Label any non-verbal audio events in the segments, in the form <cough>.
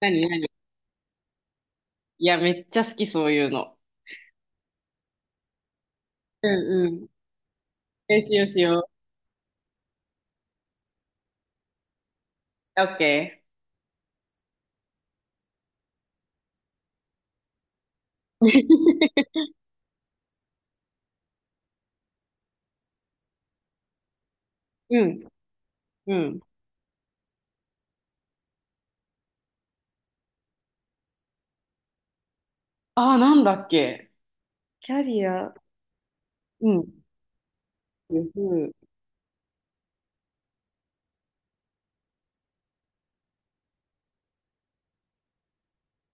何何。いや、めっちゃ好き、そういうの。うんうん。練習しよう。オッケー。<laughs> うん、うん。ああ、なんだっけ。キャリア、うん。うん、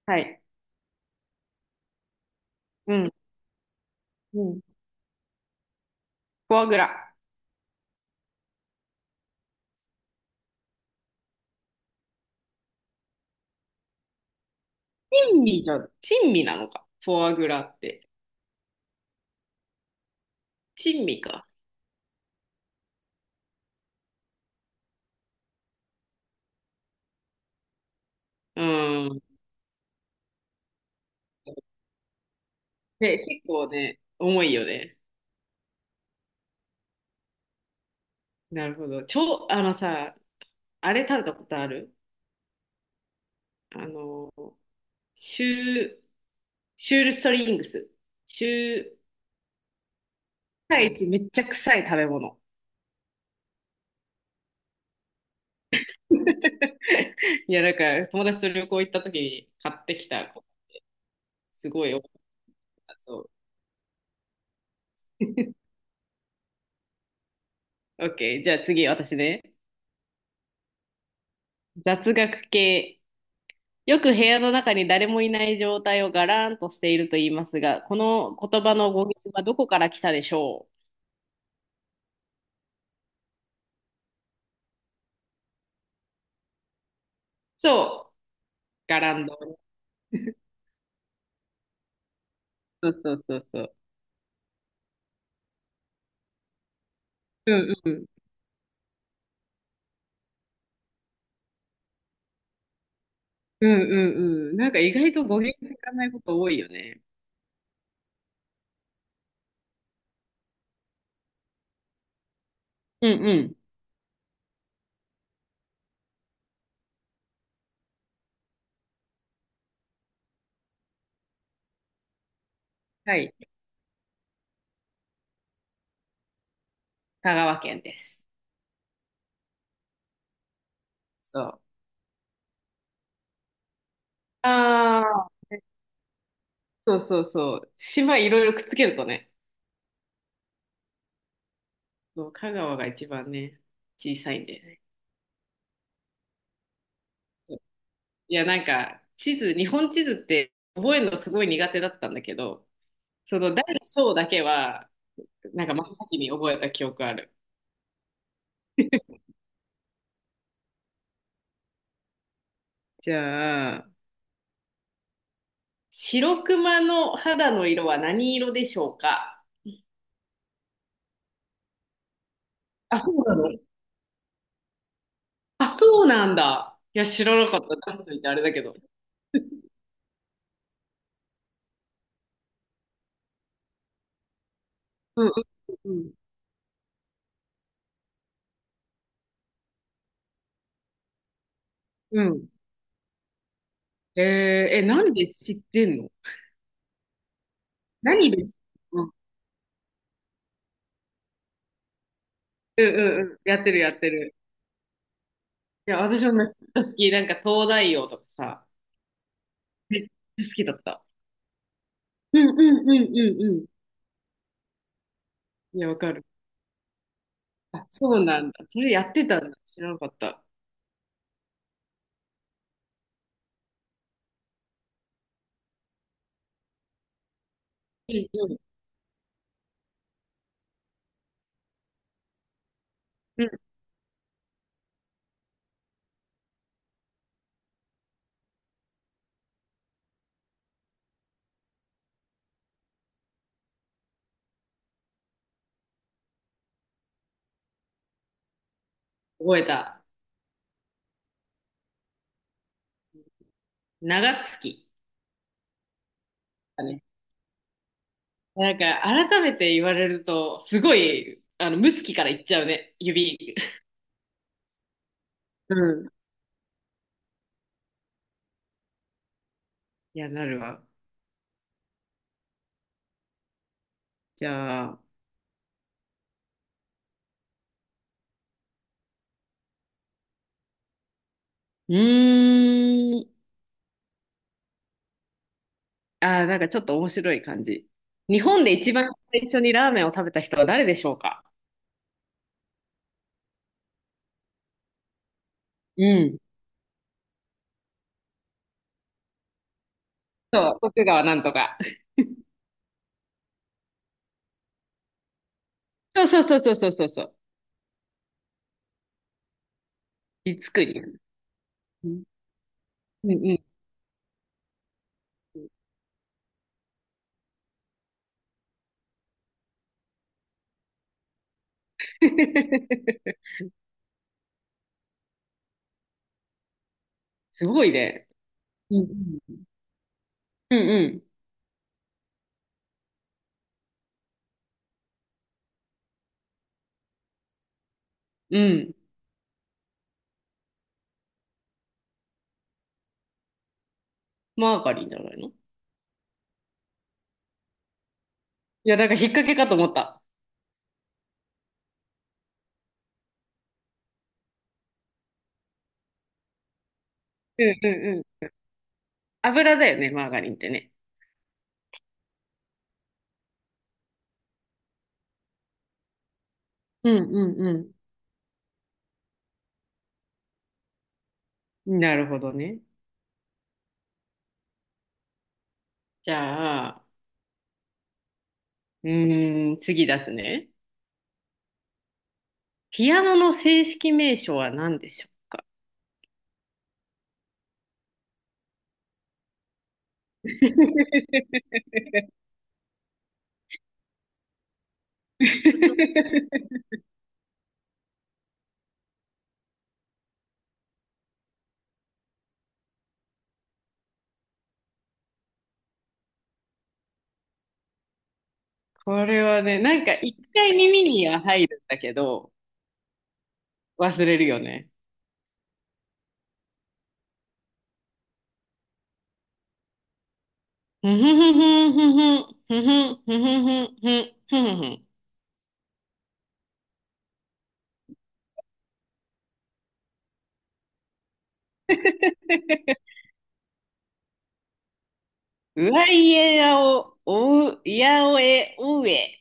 はい。うん、うん。フォアグラ。珍味じゃ、珍味なのか。フォアグラって。珍味か。うん。で、結構ね、重いよね。なるほど。超、あのさ、あれ食べたことある？あの、シュー、シュールストリングス。シュー、世界一めっちゃ臭い食べ物。<laughs> いや、なんか、友達と旅行行った時に買ってきた、すごい多かった、そう。OK。じゃあ次、私ね。雑学系。よく部屋の中に誰もいない状態をガラーンとしていると言いますが、この言葉の語源はどこから来たでしょう？そう。ガランド。そうそうそうそう。うんうん。うんうんうん。なんか意外と語源知らないこと多いよね。うんうん。はい。香川県です。そう。あーそうそうそう。島いろいろくっつけるとね、そう香川が一番ね、小さいんでね。いや、なんか、地図、日本地図って覚えるのすごい苦手だったんだけど、その大小だけは、なんか真っ先に覚えた記憶ある。じゃあ、白熊の肌の色は何色でしょうか？あ、そうなの？あ、そうなんだ。いや、知らなかった。出しといてあれだけど。うんうんうん。うん。えー、え、なんで知ってんの？何で知ってんの？うんうんうん。やってるやってる。いや、私もめっちゃ好き。なんか東大王とかさ、めっちゃ好きだった。うんうんうんうんうん。いや、わかる。あ、そうなんだ。それやってたんだ。知らなかった。うんうんうん。覚えた。長月だね。なんか、改めて言われると、すごい、ム月からいっちゃうね。指。うん。いや、なるわ。じゃあ、うーん。あー、なんかちょっと面白い感じ。日本で一番最初にラーメンを食べた人は誰でしょうか？うん。そう、徳川なんとか。<laughs> そうそうそうそうそうそうそう。いつくに。うん、うん、うん。<laughs> すごいね。うん、うん。うん、うん。マーガリンじゃないの？いや、なんか引っ掛けかと思った。うん、うん、うん。油だよね、マーガリンってね。うん、うん、うん。なるほどね。じゃあ、次出すね。ピアノの正式名称は何でしょうか？ <laughs> これはね、なんか一回耳には入るんだけど、忘れるよね。ふふふふふふふふふふふふふ、うわいえやお、おう、いやおえ、おうえ。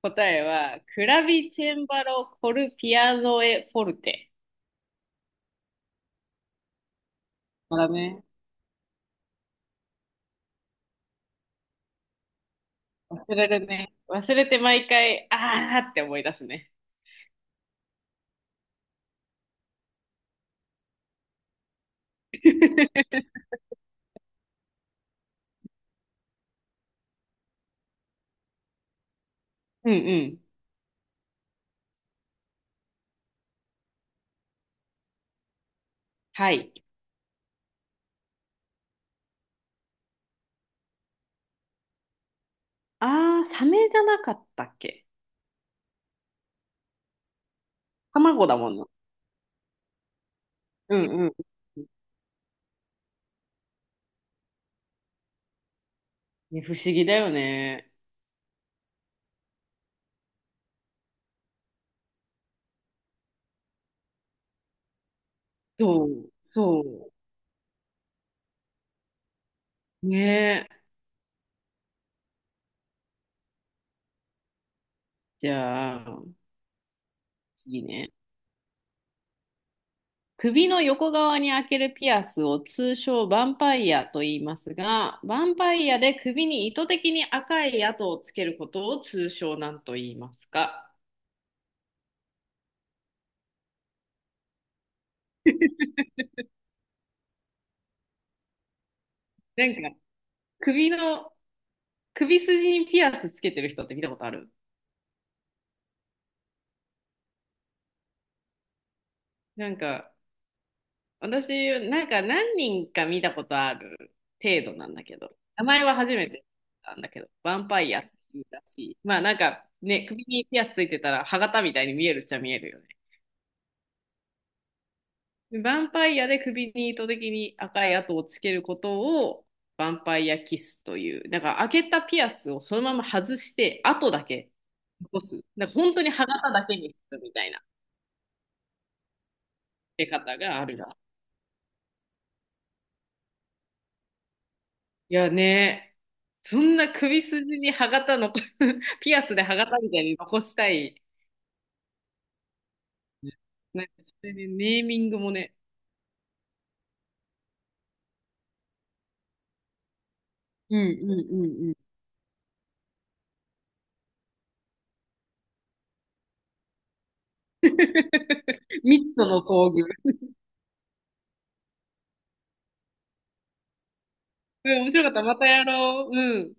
答えは、クラビチェンバロ、コルピアノエ、フォルテ。そだね。忘れるね。忘れて毎回、あーって思い出すね。うんうん。はい。あー、サメじゃなかったっけ？卵だもんな。うんうん。ね、不思議だよね。そう、そう。ね。じゃあ、次ね。首の横側に開けるピアスを通称ヴァンパイアと言いますが、ヴァンパイアで首に意図的に赤い跡をつけることを通称なんと言いますか？なんか、首の、首筋にピアスつけてる人って見たことある？なんか、私、なんか何人か見たことある程度なんだけど、名前は初めてなんだけど、ヴァンパイアって言うらしい。まあなんか、ね、首にピアスついてたら、歯型みたいに見えるっちゃ見えるよね。ヴァンパイアで首に糸的に赤い跡をつけることをヴァンパイアキスという、だから開けたピアスをそのまま外して跡だけ残す。なんか本当に歯型だけにするみたいな出方があるな。いやね、そんな首筋に歯型の <laughs> ピアスで歯型みたいに残したい。なんかそれでネーミングもね。うんうんうんうん。<laughs> 未知との遭遇。うん、面白かった。またやろう。うん。